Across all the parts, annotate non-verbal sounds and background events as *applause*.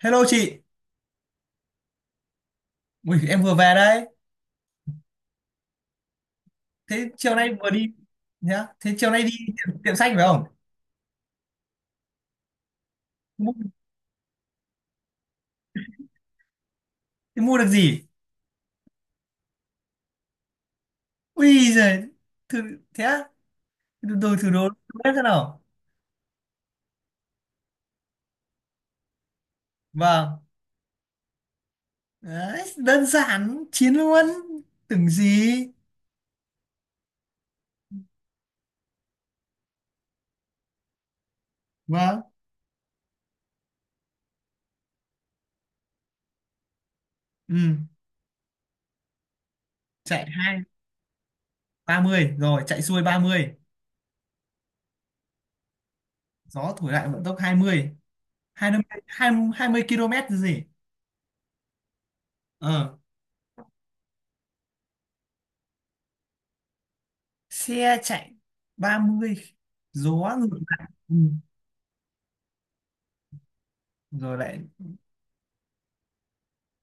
Hello chị. Ui, em vừa về đấy. Thế chiều nay vừa đi nhá. Thế chiều nay đi tiệm sách phải không? Mua, Thế mua được gì? Ui giời, thử thế á? Đồ đồ- Thử đồ bếp thế nào? Vâng. Đấy, đơn giản chiến luôn. Tưởng gì? Vâng. Ừ, chạy ba mươi rồi, chạy xuôi 30. Gió thổi lại vận tốc hai mươi 20 km chứ gì? Ờ, xe chạy 30, gió ngược lại. Ừ. Rồi lại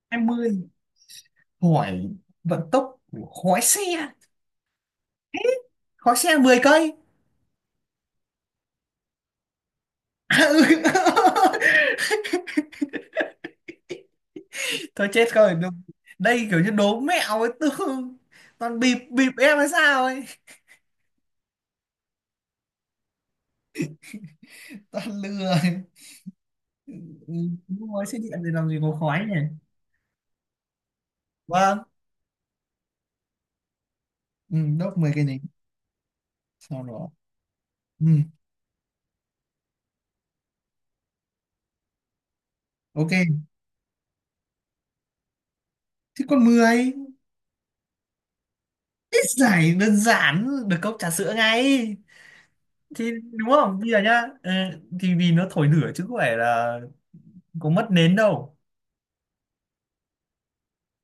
hai mươi, hỏi vận tốc của khói xe, khói xe 10 cây. À, ừ. *laughs* Thôi chết rồi, đây kiểu như đố mẹo ấy, tương toàn bịp bịp em hay sao ấy, toàn lừa. Ừ, mua xe điện thì làm gì có khói nhỉ. Vâng. Ừ, đốt 10 cây này, sau đó, ừ, ok. Thì còn mười, ít giải đơn giản được cốc trà sữa ngay thì đúng không? Bây giờ nhá, ừ, thì vì nó thổi lửa chứ có phải là có mất nến đâu.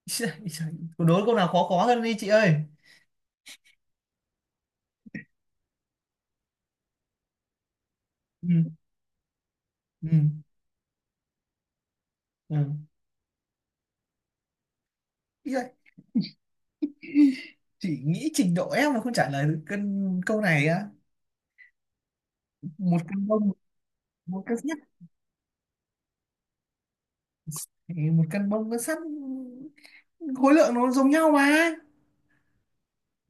Ý giời, đố câu nào khó khó hơn đi chị ơi. Ừ. Ừ. Ừ. Ý giời, chị nghĩ trình độ em mà không trả lời được cân câu này á. Một cân bông, một cân sắt thì một cân bông, cân sắt, khối lượng nó giống nhau mà,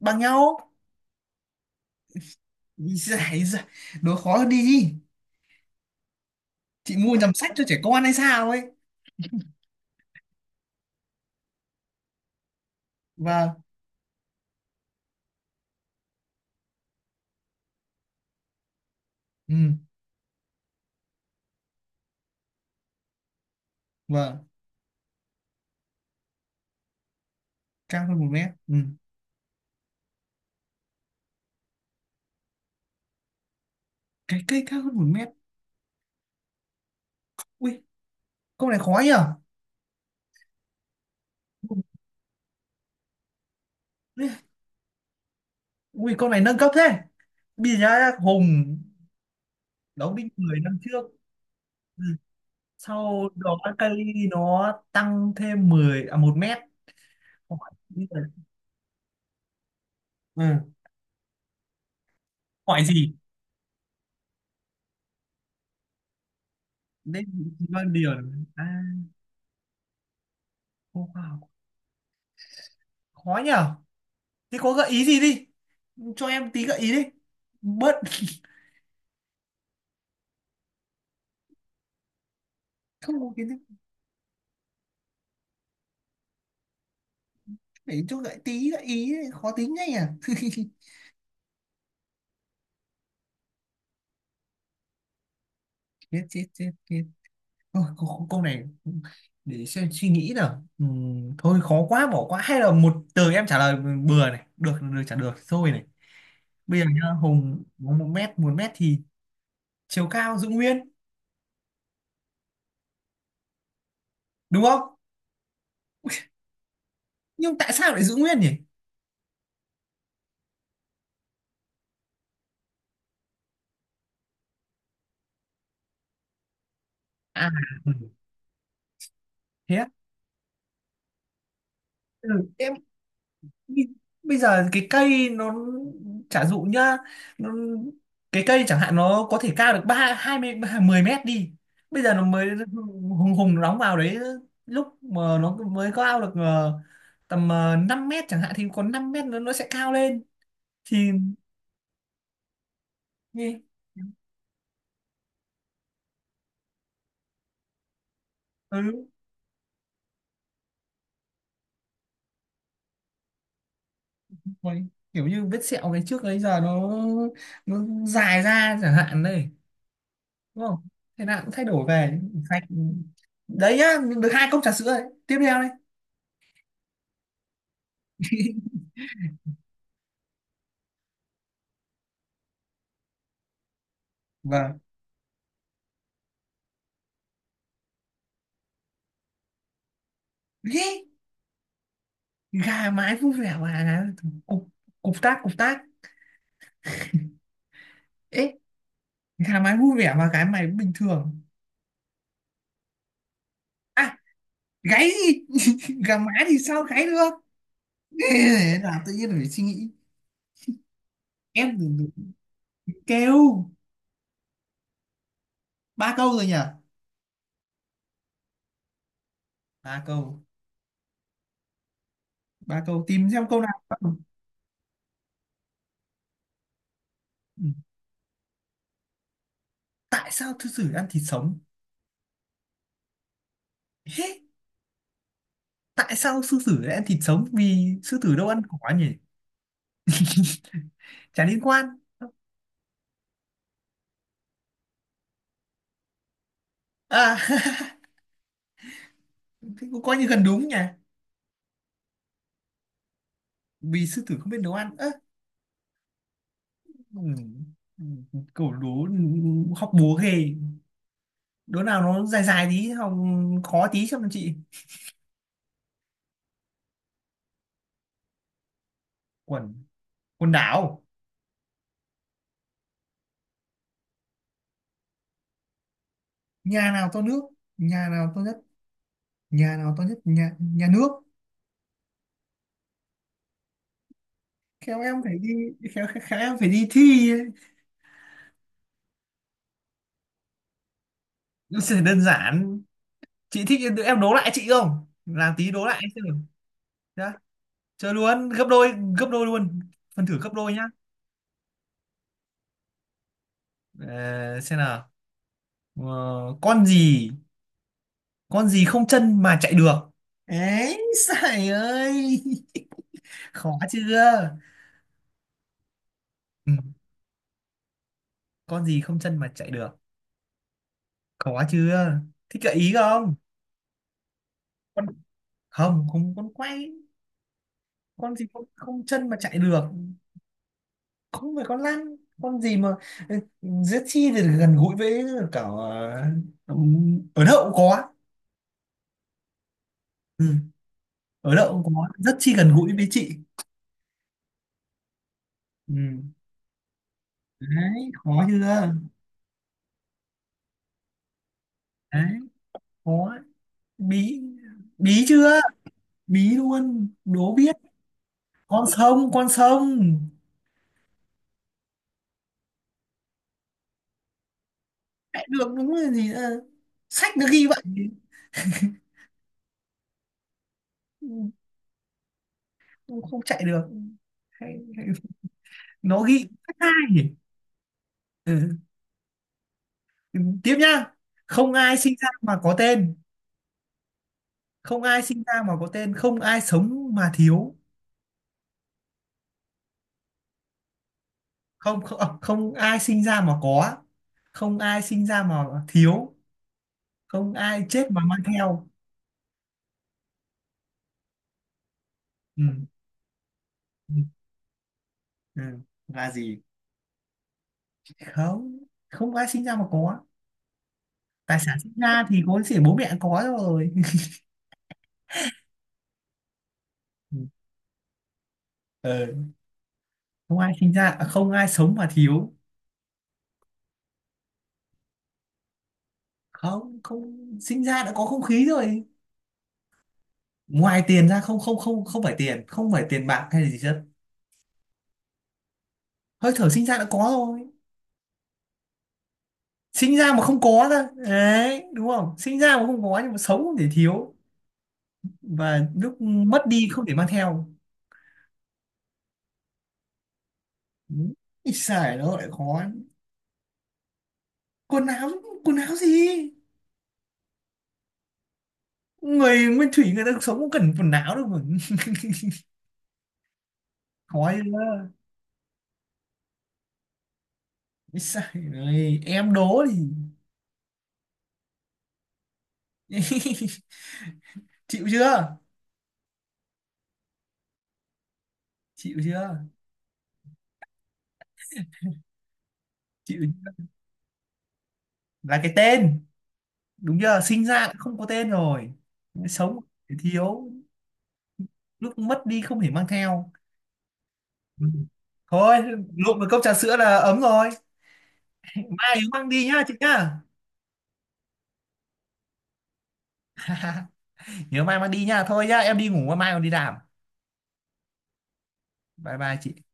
bằng nhau. Ý giời, đố khó hơn đi, chị mua nhầm sách cho trẻ con hay sao ấy. Vâng. Ừ. Vâng. Cao hơn một mét, ừ. Cái cây cao hơn một mét. Ui câu này khó nhở. Ui câu này nâng cấp thế. Bây giờ nhá, Hùng đóng đinh 10 năm trước, ừ. Sau đó kali nó tăng thêm mười, à, 1 mét. Hỏi, ừ, hỏi gì nên, vâng điền à, wow, khó nhở. Thế có gợi ý gì đi, cho em tí gợi ý đi bớt. *laughs* Không có kiến thức, để cho gợi tí gợi ý đấy, khó tính ngay à. *laughs* Chết chết chết chết. Ôi, câu này để xem suy nghĩ nào. Thôi khó quá bỏ qua, hay là một từ em trả lời bừa này, được được trả được thôi này. Bây giờ nhá, Hùng có một mét thì chiều cao giữ nguyên, đúng không? Nhưng tại sao lại giữ nguyên nhỉ? À, ừ, thế á? Ừ, em bi- bây giờ cái cây nó, chả dụ nhá, nó, cái cây chẳng hạn nó có thể cao được hai mươi, mười mét đi, bây giờ nó mới hùng hùng đóng vào đấy. Lúc mà nó mới cao được tầm, 5 mét chẳng hạn thì còn 5 mét nó sẽ cao lên thì, ừ. Ôi, kiểu như vết sẹo ngày trước ấy, giờ nó dài ra chẳng hạn đây, đúng không? Thế nào cũng thay đổi về sạch. Đấy nhá, được hai cốc trà sữa đấy, tiếp theo đấy. *laughs* Vâng. Ê, gà mái vui vẻ mà cục cục tác ấy, gà mái vui vẻ mà cái mày bình thường. À, gáy gì. *laughs* Gà mái thì sao gáy được. Ê, là tự nhiên phải suy nghĩ. Em thì kêu. Ba câu rồi nhỉ? Ba câu, ba câu tìm xem câu nào. Ừ. Tại sao sư tử ăn thịt sống? Hế? Tại sao sư tử lại ăn thịt sống, vì sư tử đâu ăn cỏ nhỉ. *laughs* Chả liên quan. À. *laughs* Thế cũng coi như gần đúng nhỉ. Vì sư tử không biết nấu ăn, ơ, ừ, ừ, cẩu đố học búa ghê. Đố nào nó dài dài tí học, khó tí cho chị. Quần Quần đảo. nhà nào to nước Nhà nào to nhất, nhà nào to nhất, nhà nhà nước. Khéo em phải đi, khéo khéo em phải đi thi ấy. Nó sẽ đơn giản, chị thích em đố lại chị không, làm tí đố lại em xem nào. Nhá, chơi luôn gấp đôi, gấp đôi luôn, phần thử gấp đôi nhá. Ờ, xem nào. Ờ, con gì, không chân mà chạy được ấy, sải ơi. *laughs* Khó chưa? Ừ. Con gì không chân mà chạy được, khó chưa, thích gợi ý không? con Không không, con quay. Con gì không chân mà chạy được, không phải con lăn. Con gì mà rất chi thì gần gũi với cả, ờ, ở đậu cũng có. Ừ. Ở đậu cũng có, rất chi gần gũi với chị. Ừ. Đấy khó chưa. Đấy khó, bí bí chưa, bí luôn đố biết. Con sông, con sông chạy được đúng là gì nữa. Sách nó ghi vậy. Ừ, không không chạy được, hay, hay. Nó ghi sách hai. Ừ. Tiếp nhá, không ai sinh ra mà có tên không ai sinh ra mà có tên, không ai sống mà thiếu, không không à, không ai sinh ra mà có không ai sinh ra mà thiếu không ai chết mà mang theo ừ. Ừ. ừ. là gì không không ai sinh ra mà có tài sản sinh ra thì có chỉ bố mẹ có rồi *laughs* ừ. Ờ, không ai sinh ra à, không ai sống mà thiếu không không sinh ra đã có không khí rồi ngoài tiền ra không không không không phải tiền, không phải tiền bạc hay là gì hết. Hơi thở sinh ra đã có rồi. Sinh ra mà không có ra đấy, đúng không, sinh ra mà không có nhưng mà sống không thể thiếu, và lúc mất đi không thể mang theo. Ít xài nó lại khó. Quần áo. Quần áo gì? Người nguyên thủy người ta sống cũng cần quần áo đâu mà. *laughs* Khó chưa? Ít xài. Rồi em đố thì. *laughs* Chịu chưa? Chịu chưa? Chịu chưa? Là cái tên, đúng chưa, sinh ra đã không có tên rồi, sống không thiếu, lúc mất đi không thể mang theo. Ừ. Thôi, lụm được cốc trà sữa là ấm rồi, mai nhớ mang đi nhá chị nhá. *laughs* Nhớ mai mang đi nhá, thôi nhá em đi ngủ, mai còn đi làm. Bye bye chị.